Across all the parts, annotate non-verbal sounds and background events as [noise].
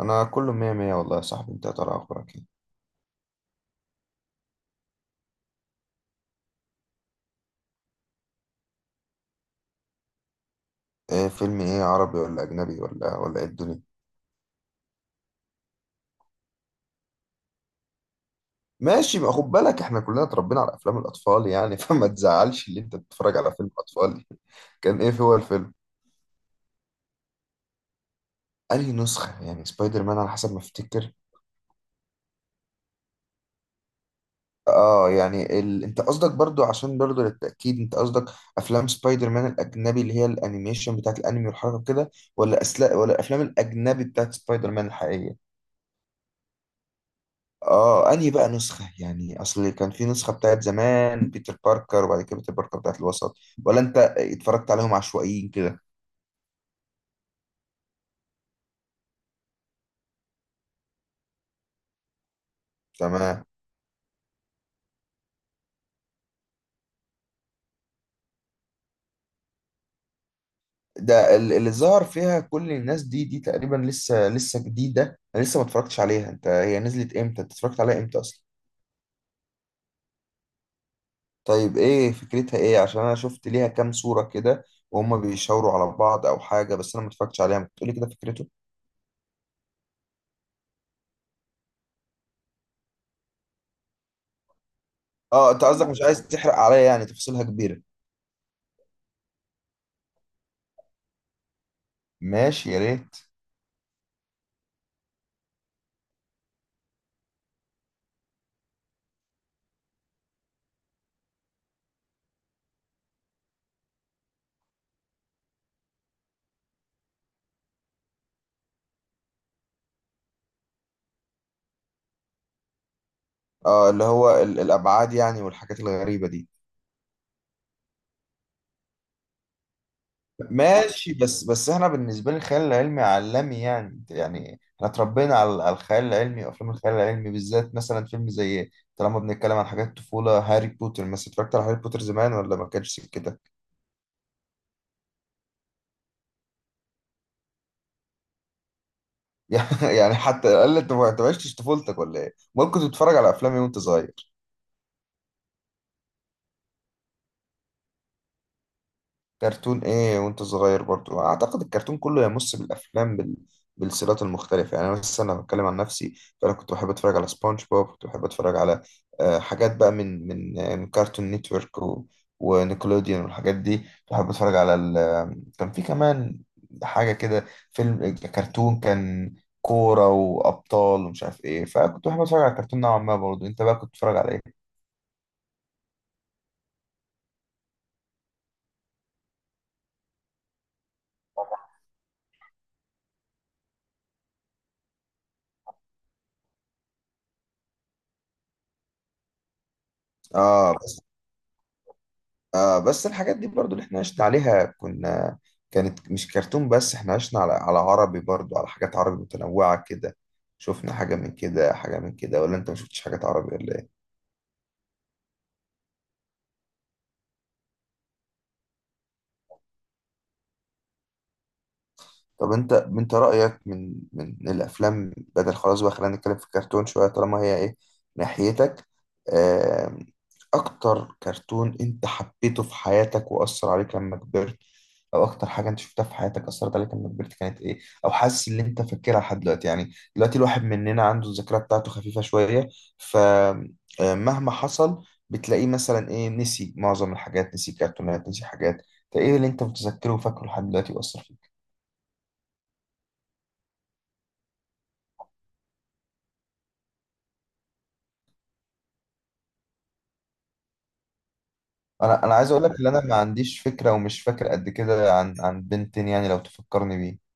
انا كله مية مية والله يا صاحبي، انت يا ترى اخبارك ايه؟ فيلم ايه، عربي ولا اجنبي ولا ايه الدنيا؟ ماشي بقى، خد بالك احنا كلنا اتربينا على افلام الاطفال يعني [laughs] فما تزعلش اللي انت بتتفرج على فيلم اطفال. كان ايه هو الفيلم؟ انهي نسخة يعني سبايدر مان، على حسب ما افتكر. اه يعني انت قصدك برضو، عشان برضو للتأكيد، انت قصدك افلام سبايدر مان الاجنبي اللي هي الانيميشن بتاعت الانمي والحركة كده، ولا ولا الافلام الاجنبي بتاعت سبايدر مان الحقيقية؟ اه انهي بقى نسخة يعني؟ اصل كان في نسخة بتاعت زمان بيتر باركر، وبعد كده بيتر باركر بتاعت الوسط، ولا انت اتفرجت عليهم عشوائيين كده؟ تمام. اللي ظهر فيها كل الناس دي تقريبا لسه جديدة، انا لسه ما اتفرجتش عليها. انت هي نزلت امتى؟ انت اتفرجت عليها امتى اصلا؟ طيب ايه فكرتها، ايه؟ عشان انا شفت ليها كام صورة كده وهم بيشاوروا على بعض او حاجة، بس انا ما اتفرجتش عليها. ما تقولي كده فكرته. اه انت قصدك مش عايز تحرق عليا، يعني تفاصيلها كبيرة؟ ماشي يا ريت. اه الابعاد يعني والحاجات الغريبه دي. ماشي، بس احنا بالنسبه لي الخيال العلمي عالمي يعني، يعني احنا اتربينا على على الخيال العلمي وافلام الخيال العلمي، بالذات مثلا فيلم زي، طالما بنتكلم عن حاجات طفوله، هاري بوتر مثلا. اتفرجت على هاري بوتر زمان ولا ما كانش كده؟ [laughs] يعني، يعني حتى قال لي انت، ما أنت ما عشتش طفولتك ولا ايه؟ ممكن تتفرج على افلام وانت صغير؟ كرتون ايه وانت صغير؟ برضو اعتقد الكرتون كله يمس بالافلام بالسلسلات المختلفه يعني. انا مثلا لو بتكلم عن نفسي، فانا كنت بحب اتفرج على سبونج بوب، كنت بحب اتفرج على حاجات بقى من من كارتون نيتورك ونيكلوديان والحاجات دي. كنت بحب اتفرج على كان في كمان حاجه كده، فيلم كرتون، كان كوره وابطال ومش عارف ايه. فكنت بحب اتفرج على الكرتون نوعا ما برضو. انت بقى كنت بتتفرج على ايه؟ اه. آه بس الحاجات دي برضو اللي احنا عشنا عليها، كنا كانت مش كرتون بس، احنا عشنا على على عربي برضو، على حاجات عربي متنوعة كده. شفنا حاجة من كده حاجة من كده، ولا انت ما شفتش حاجات عربي ولا إيه؟ طب انت، انت رأيك من من الافلام بدل خلاص بقى، خلينا نتكلم في الكرتون شوية طالما هي ايه ناحيتك. آم، اكتر كرتون انت حبيته في حياتك واثر عليك لما كبرت، او اكتر حاجة انت شفتها في حياتك اثرت عليك لما كبرت، كانت ايه؟ او حاسس ان انت فاكرها لحد دلوقتي؟ يعني دلوقتي الواحد مننا عنده الذاكرة بتاعته خفيفة شوية، فمهما حصل بتلاقيه مثلا ايه، نسي معظم الحاجات، نسي كرتونات، نسي حاجات. فايه اللي انت متذكره وفاكره لحد دلوقتي واثر فيك؟ انا عايز اقول لك ان انا ما عنديش فكره ومش فاكر قد كده عن عن بنتين، يعني لو تفكرني بيه.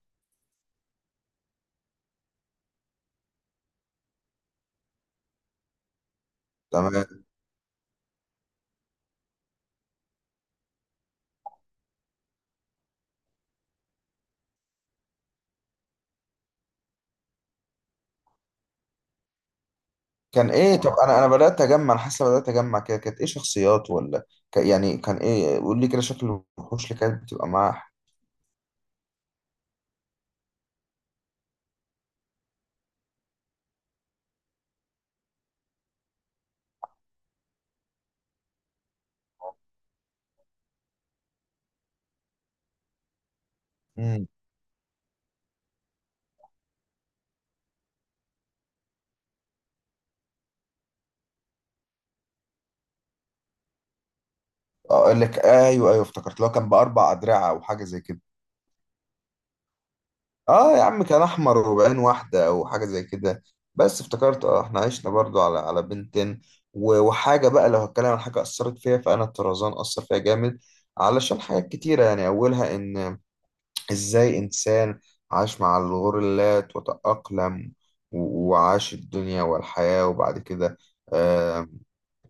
تمام. كان ايه؟ طب انا بدات اجمع، انا حاسه بدات اجمع كده، كانت ايه شخصيات ولا يعني كان ايه؟ قول لي كده شكل الوحوش اللي كانت بتبقى معاه. امم. اقول لك ايوه ايوه افتكرت، لو كان باربع ادرعه او حاجه زي كده. اه يا عم كان احمر وبعين واحده او حاجه زي كده. بس افتكرت، اه احنا عشنا برضو على على بنتين. وحاجه بقى لو هتكلم عن حاجه اثرت فيها، فانا الطرزان اثر فيها جامد علشان حاجات كتيره يعني، اولها ان ازاي انسان عاش مع الغوريلات وتاقلم، وعاش الدنيا والحياه، وبعد كده آه،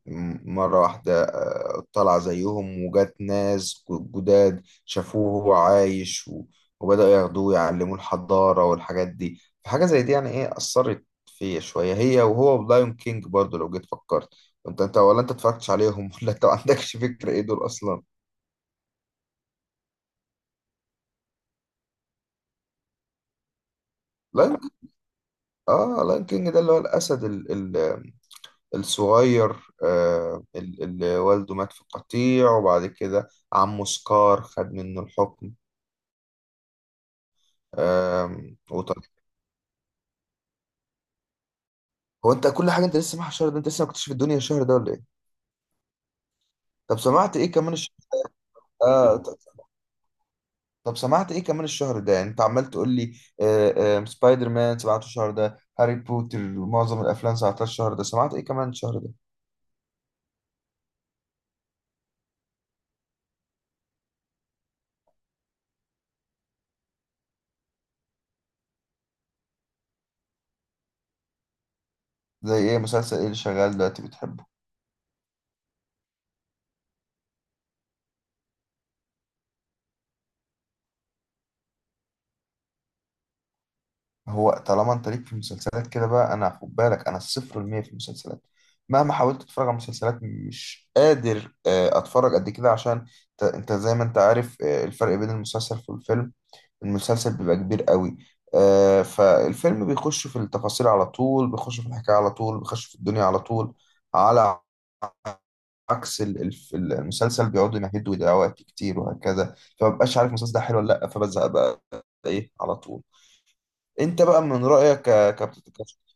مرة واحدة طلع زيهم وجات ناس جداد شافوه وهو عايش، وبدأوا ياخدوه يعلموه الحضارة والحاجات دي. فحاجة زي دي يعني ايه، أثرت فيا شوية، هي وهو بلايون كينج برضو لو جيت فكرت. انت ولا انت اتفرجتش عليهم [laughs] ولا انت ما عندكش فكرة ايه دول أصلا؟ لايون كينج. اه لايون كينج ده اللي هو الأسد ال ال الصغير، اللي والده مات في قطيع، وبعد كده عمه سكار خد منه الحكم. آم، وط- هو انت كل حاجه انت لسه معاك الشهر ده؟ انت لسه ما كنتش في الدنيا الشهر ده ولا ايه؟ طب سمعت ايه كمان الشهر؟ آه ط- طب سمعت ايه كمان الشهر ده يعني؟ انت عمال تقول لي سبايدر مان سمعته الشهر ده، هاري بوتر معظم الافلام سمعتها الشهر ده، سمعت ايه كمان الشهر ده؟ زي ايه؟ مسلسل ايه اللي شغال دلوقتي بتحبه؟ هو طالما انت ليك في المسلسلات كده بقى، انا خد بالك انا الصفر المية في المسلسلات. مهما حاولت اتفرج على مسلسلات مش قادر اتفرج قد كده، عشان انت، انت زي ما انت عارف الفرق بين المسلسل والفيلم، المسلسل بيبقى كبير قوي. فالفيلم بيخش في التفاصيل على طول، بيخش في الحكاية على طول، بيخش في الدنيا على طول، على عكس المسلسل بيقعدوا يمهدوا ويضيعوا وقت كتير وهكذا، فمبقاش عارف المسلسل ده حلو ولا لا، فبزهق بقى ايه على طول. انت بقى من رأيك، ك- كبت... ك-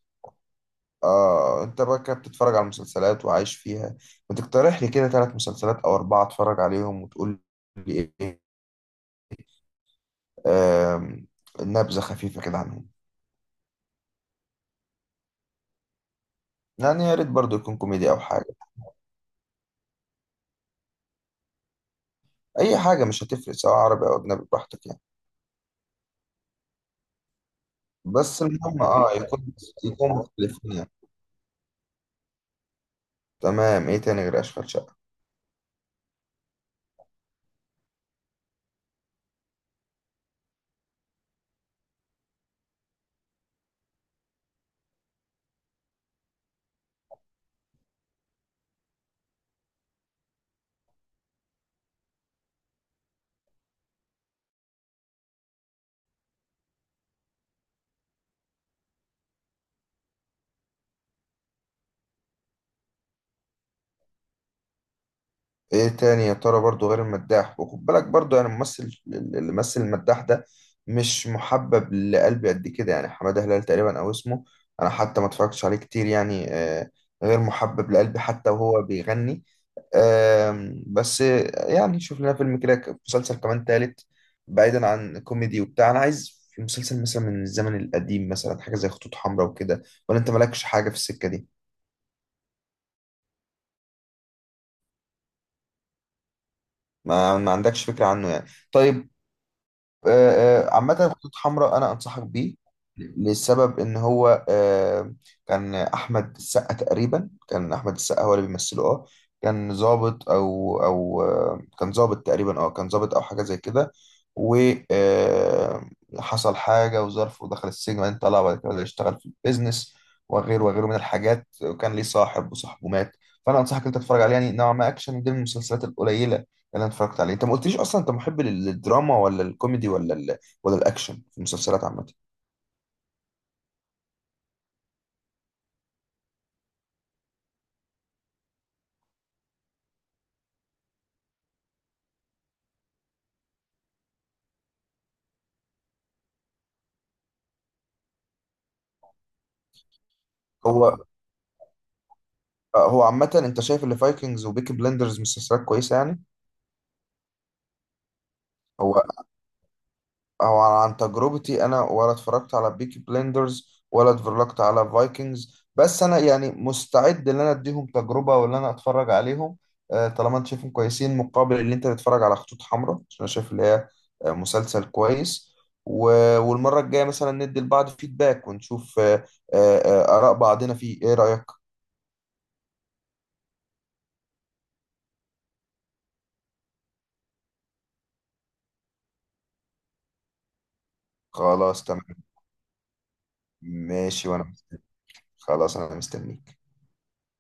آه انت بقى كبتتفرج على المسلسلات وعايش فيها، بتقترح لي كده ثلاث مسلسلات او اربعة اتفرج عليهم وتقول لي ايه؟ آم، نبذة خفيفة كده عنهم. يعني يا ريت برضه يكون كوميديا او حاجه، اي حاجه مش هتفرق، سواء عربي او اجنبي براحتك يعني. بس المهم اه يكون مختلفين يعني. تمام. ايه تاني غير اشغال شقه؟ ايه تاني يا ترى برضو غير المداح؟ وخد بالك برضو يعني الممثل اللي مثل المداح ده مش محبب لقلبي قد كده يعني، حمادة هلال تقريبا او اسمه. انا حتى ما اتفرجتش عليه كتير يعني، غير محبب لقلبي حتى وهو بيغني. آم، بس آه، يعني نشوف لنا فيلم كده مسلسل كمان تالت، بعيدا عن كوميدي وبتاع. انا عايز في مسلسل مثلا من الزمن القديم، مثلا حاجة زي خطوط حمراء وكده، ولا انت مالكش حاجة في السكة دي؟ ما عندكش فكرة عنه يعني؟ طيب. عامة خطوط حمراء أنا أنصحك بيه، لسبب إن هو كان أحمد السقا تقريبا، كان أحمد السقا هو اللي بيمثله. أه كان ضابط أو أو آه، كان ضابط تقريبا، أه كان ضابط أو حاجة زي كده، وحصل حاجة وظرف ودخل السجن وبعدين طلع، وبعد كده بدأ يشتغل في البيزنس وغيره وغيره من الحاجات، وكان ليه صاحب وصاحبه مات. فأنا أنصحك أنت تتفرج عليه، يعني نوعا ما أكشن، دي من المسلسلات القليلة انا اتفرجت عليه. انت ما قلتليش اصلا، انت محب للدراما ولا الكوميدي ولا الاكشن في المسلسلات عامه؟ هو هو عامه انت شايف اللي فايكنجز وبيكي بلندرز مسلسلات كويسه يعني؟ هو او عن تجربتي انا، ولا اتفرجت على بيكي بليندرز ولا اتفرجت على فايكنجز، بس انا يعني مستعد ان انا اديهم تجربه وان انا اتفرج عليهم طالما انت شايفهم كويسين، مقابل ان انت تتفرج على خطوط حمراء، عشان انا شايف اللي هي مسلسل كويس. والمره الجايه مثلا ندي لبعض فيدباك ونشوف آه، اراء بعضنا فيه. ايه رايك؟ خلاص تمام. ماشي وانا، خلاص انا مستنيك.